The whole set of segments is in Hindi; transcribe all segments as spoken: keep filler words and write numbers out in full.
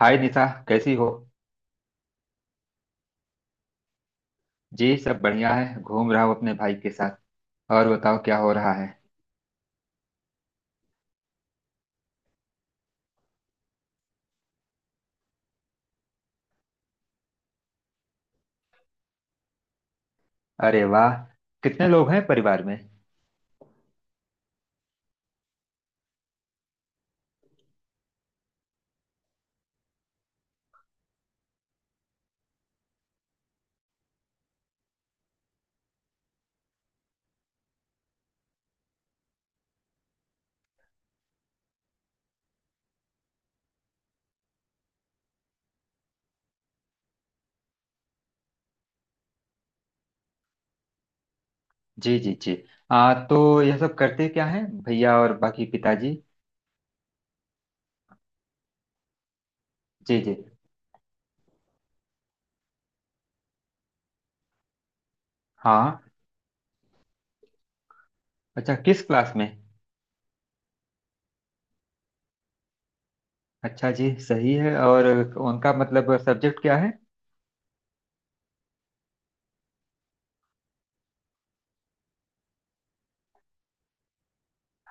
हाय निशा, कैसी हो? जी, सब बढ़िया है। घूम रहा हूँ अपने भाई के साथ। और बताओ, क्या हो रहा है? अरे वाह! कितने लोग हैं परिवार में? जी जी जी। आ, तो यह सब करते क्या हैं भैया और बाकी पिताजी? जी जी। हाँ। अच्छा, किस क्लास में? अच्छा जी, सही है। और उनका मतलब सब्जेक्ट क्या है?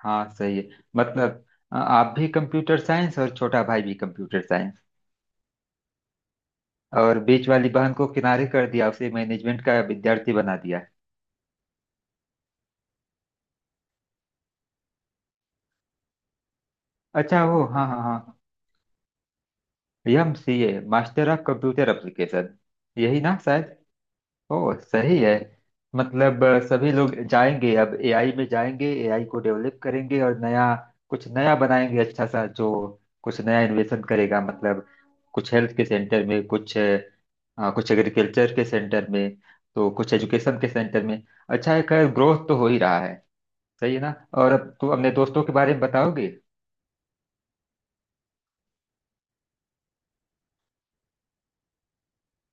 हाँ, सही है। मतलब आ, आप भी कंप्यूटर साइंस और छोटा भाई भी कंप्यूटर साइंस। और बीच वाली बहन को किनारे कर दिया, उसे मैनेजमेंट का विद्यार्थी बना दिया। अच्छा, वो हाँ हाँ हाँ। M C A master of computer application, यही ना शायद। ओ सही है। मतलब अ, सभी लोग जाएंगे, अब एआई में जाएंगे, एआई को डेवलप करेंगे और नया कुछ नया बनाएंगे। अच्छा सा जो कुछ नया इन्वेशन करेगा। मतलब कुछ हेल्थ के सेंटर में कुछ अ, हाँ, कुछ एग्रीकल्चर के सेंटर में तो कुछ एजुकेशन के सेंटर में। अच्छा है, खैर ग्रोथ तो हो ही रहा है। सही है ना। और अब तो अपने दोस्तों के बारे में बताओगे?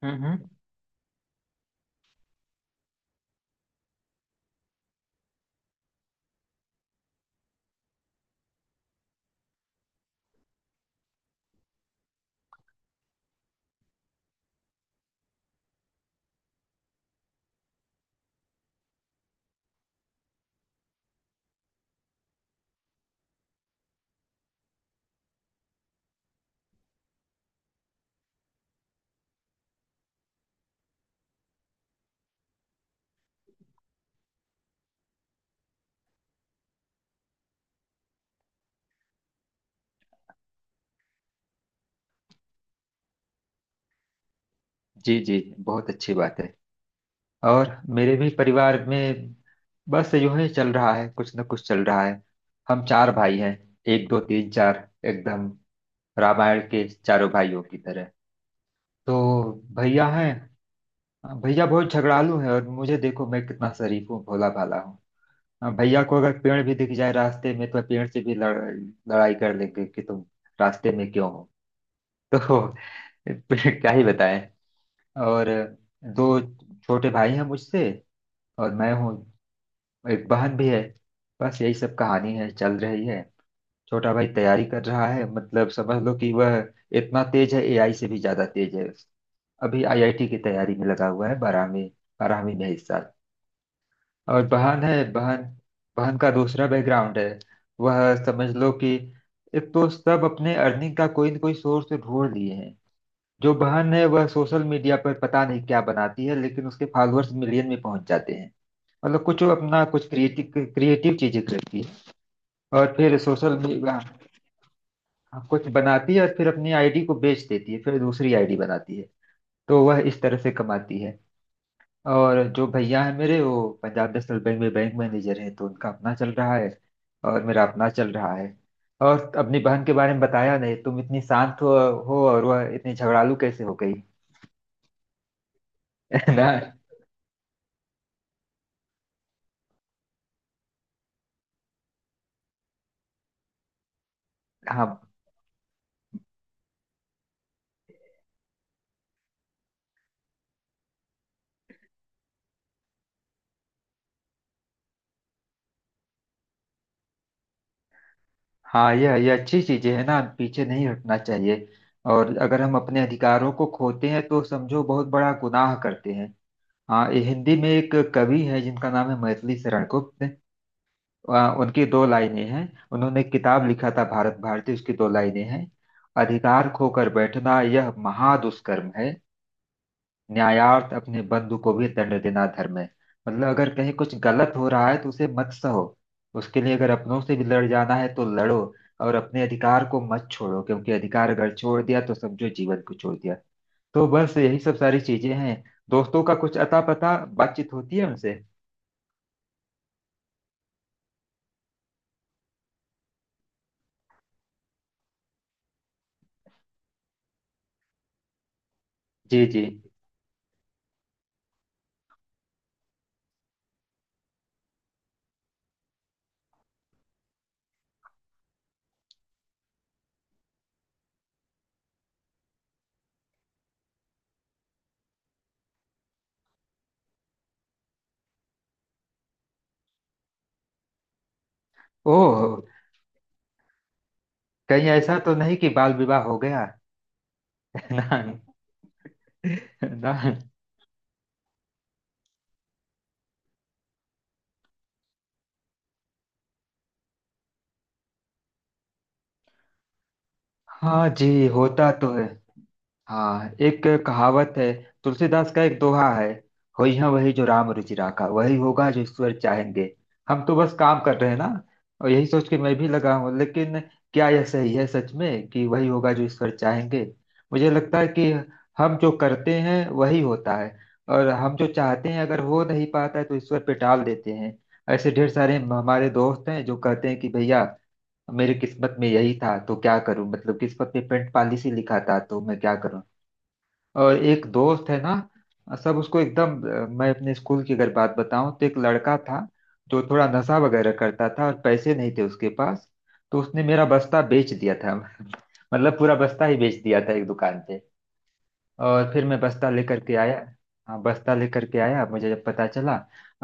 हम्म हम्म। जी जी। बहुत अच्छी बात है। और मेरे भी परिवार में बस यूं ही चल रहा है, कुछ न कुछ चल रहा है। हम चार भाई हैं। एक दो तीन चार, एकदम रामायण के चारों भाइयों की तरह। तो भैया हैं। भैया बहुत झगड़ालू हैं और मुझे देखो, मैं कितना शरीफ हूँ, भोला भाला हूँ। हाँ, भैया को अगर पेड़ भी दिख जाए रास्ते में तो पेड़ से भी लड़, लड़ाई कर लेंगे कि तुम रास्ते में क्यों हो। तो क्या ही बताएं। और दो छोटे भाई हैं मुझसे और मैं हूँ। एक बहन भी है। बस यही सब कहानी है, चल रही है। छोटा भाई तैयारी कर रहा है, मतलब समझ लो कि वह इतना तेज है, एआई से भी ज्यादा तेज है। अभी आईआईटी की तैयारी में लगा हुआ है, बारहवीं बारहवीं में इस साल। और बहन है। बहन बहन का दूसरा बैकग्राउंड है। वह समझ लो कि एक तो सब अपने अर्निंग का कोई न कोई सोर्स ढूंढ लिए हैं। जो बहन है वह सोशल मीडिया पर पता नहीं क्या बनाती है, लेकिन उसके फॉलोअर्स मिलियन में पहुंच जाते हैं। मतलब कुछ वो अपना कुछ क्रिएटिव क्रिएटिव चीजें करती है। और फिर सोशल मीडिया कुछ बनाती है और फिर अपनी आईडी को बेच देती है, फिर दूसरी आईडी बनाती है। तो वह इस तरह से कमाती है। और जो भैया है मेरे, वो पंजाब नेशनल बैंक में बैंक मैनेजर है, तो उनका अपना चल रहा है। और मेरा अपना चल रहा है। और अपनी बहन के बारे में बताया नहीं। तुम इतनी शांत हो हो और वह इतनी झगड़ालू कैसे हो गई? है ना। हाँ हाँ, यह ये अच्छी चीजें है ना, पीछे नहीं हटना चाहिए। और अगर हम अपने अधिकारों को खोते हैं तो समझो बहुत बड़ा गुनाह करते हैं। हाँ, ये हिंदी में एक कवि है जिनका नाम है मैथिली शरण गुप्त। आ, उनकी दो लाइनें हैं। उन्होंने किताब लिखा था भारत भारती, उसकी दो लाइनें हैं। "अधिकार खोकर बैठना यह महादुष्कर्म है। न्यायार्थ अपने बंधु को भी दंड देना धर्म है।" मतलब अगर कहीं कुछ गलत हो रहा है तो उसे मत सहो। उसके लिए अगर अपनों से भी लड़ जाना है तो लड़ो। और अपने अधिकार को मत छोड़ो, क्योंकि अधिकार अगर छोड़ दिया तो समझो जीवन को छोड़ दिया। तो बस यही सब सारी चीजें हैं। दोस्तों का कुछ अता पता, बातचीत होती है उनसे? जी जी। ओह, कहीं ऐसा तो नहीं कि बाल विवाह हो गया ना? ना। हाँ जी, होता तो है। हाँ, एक कहावत है, तुलसीदास का एक दोहा है, "होई है वही जो राम रुचि राखा।" वही होगा जो ईश्वर चाहेंगे। हम तो बस काम कर रहे हैं ना। और यही सोच के मैं भी लगा हूँ, लेकिन क्या यह सही है सच में कि वही होगा जो ईश्वर चाहेंगे? मुझे लगता है कि हम जो करते हैं वही होता है। और हम जो चाहते हैं अगर हो नहीं पाता है तो ईश्वर पे टाल देते हैं। ऐसे ढेर सारे हम- हमारे दोस्त हैं जो कहते हैं कि भैया, मेरी किस्मत में यही था तो क्या करूं, मतलब किस्मत में पेंट पॉलिसी लिखा था तो मैं क्या करूं। और एक दोस्त है ना, सब उसको एकदम अ, मैं अपने स्कूल की अगर बात बताऊं तो, एक लड़का था जो थोड़ा नशा वगैरह करता था और पैसे नहीं थे उसके पास। तो उसने मेरा बस्ता बेच दिया था मतलब पूरा बस्ता ही बेच दिया था, एक दुकान पे। और फिर मैं बस्ता लेकर के आया। हाँ, बस्ता लेकर के आया मुझे जब पता चला।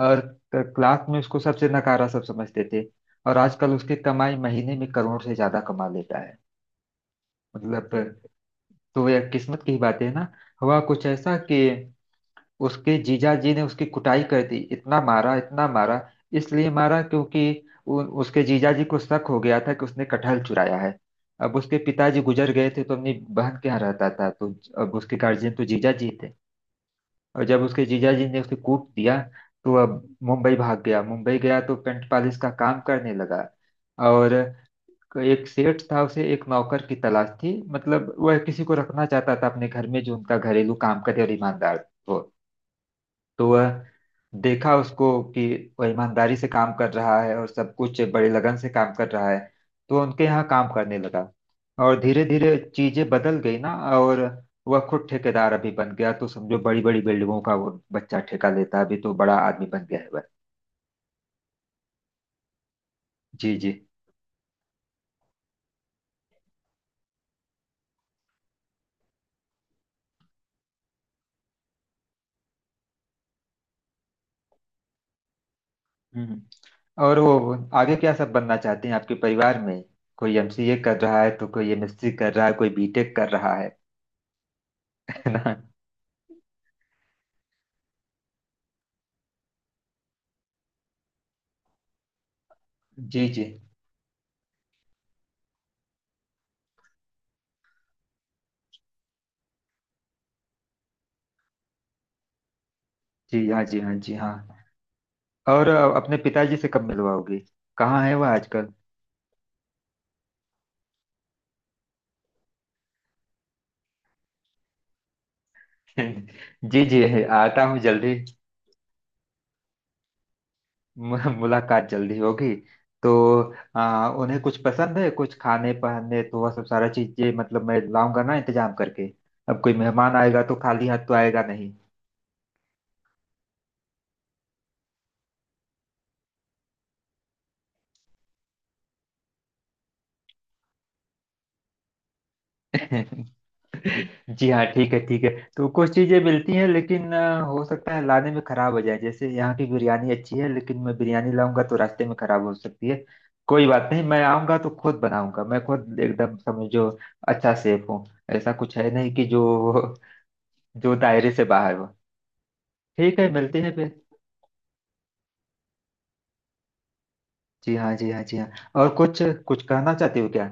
और क- क्लास में उसको सबसे नकारा सब समझते थे। और आजकल उसकी कमाई महीने में करोड़ से ज्यादा कमा लेता है। मतलब तो यह किस्मत की बात है ना। हुआ कुछ ऐसा कि उसके जीजाजी ने उसकी कुटाई कर दी, इतना मारा इतना मारा। इसलिए मारा क्योंकि उ- उसके जीजाजी को शक हो गया था कि उसने कटहल चुराया है। अब उसके पिताजी गुजर गए थे, तो अपनी बहन के यहाँ रहता था, तो अब उसके गार्जियन तो जीजाजी थे। और जब उसके जीजाजी ने उसे कूट दिया, तो अब मुंबई भाग गया। मुंबई गया तो पेंट पॉलिश का काम करने लगा। और एक सेठ था, उसे एक नौकर की तलाश थी, मतलब वह किसी को रखना चाहता था अपने घर में जो उनका घरेलू काम करे और ईमानदार हो। तो वह देखा उसको कि वह ईमानदारी से काम कर रहा है और सब कुछ बड़े लगन से काम कर रहा है। तो उनके यहाँ काम करने लगा। और धीरे धीरे चीजें बदल गई ना। और वह खुद ठेकेदार अभी बन गया, तो समझो बड़ी बड़ी बिल्डिंगों का वो बच्चा ठेका लेता है अभी, तो बड़ा आदमी बन गया है वह। जी जी। हम्म। और वो आगे क्या सब बनना चाहते हैं आपके परिवार में? कोई एमसीए कर रहा है तो कोई एमएससी कर रहा है, कोई बीटेक कर रहा है है ना। जी जी। जी हाँ जी हाँ जी हाँ। और अ, अपने पिताजी से कब मिलवाओगी? कहाँ है वह आजकल? जी जी, है, आता हूँ जल्दी। मु- मुलाकात जल्दी होगी। तो अ, उन्हें कुछ पसंद है कुछ खाने पहनने, तो वह सब सारा चीजें मतलब मैं लाऊंगा ना, इंतजाम करके। अब कोई मेहमान आएगा तो खाली हाथ तो आएगा नहीं। जी हाँ, ठीक है ठीक है। तो कुछ चीजें मिलती हैं, लेकिन अ, हो सकता है लाने में खराब हो जाए। जैसे यहाँ की बिरयानी अच्छी है, लेकिन मैं बिरयानी लाऊंगा तो रास्ते में खराब हो सकती है। कोई बात नहीं, मैं आऊंगा तो खुद बनाऊंगा। मैं खुद एकदम समझो अच्छा सेफ हूँ। ऐसा कुछ है नहीं कि जो जो दायरे से बाहर हो। ठीक है, मिलते हैं फिर। जी हाँ जी हाँ जी हाँ। और कुछ कुछ कहना चाहती हो क्या?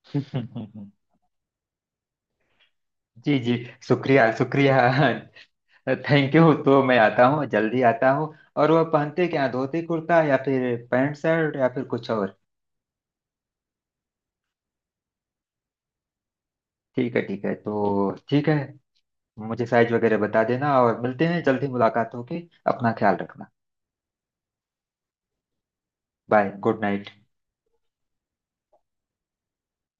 जी जी। शुक्रिया शुक्रिया। थैंक यू, तो मैं आता हूँ जल्दी आता हूँ। और वह पहनते क्या, धोती कुर्ता या फिर पैंट शर्ट या फिर कुछ और? ठीक है ठीक है, तो ठीक है। मुझे साइज वगैरह बता देना, और मिलते हैं। जल्दी मुलाकात होगी। अपना ख्याल रखना। बाय। Good night.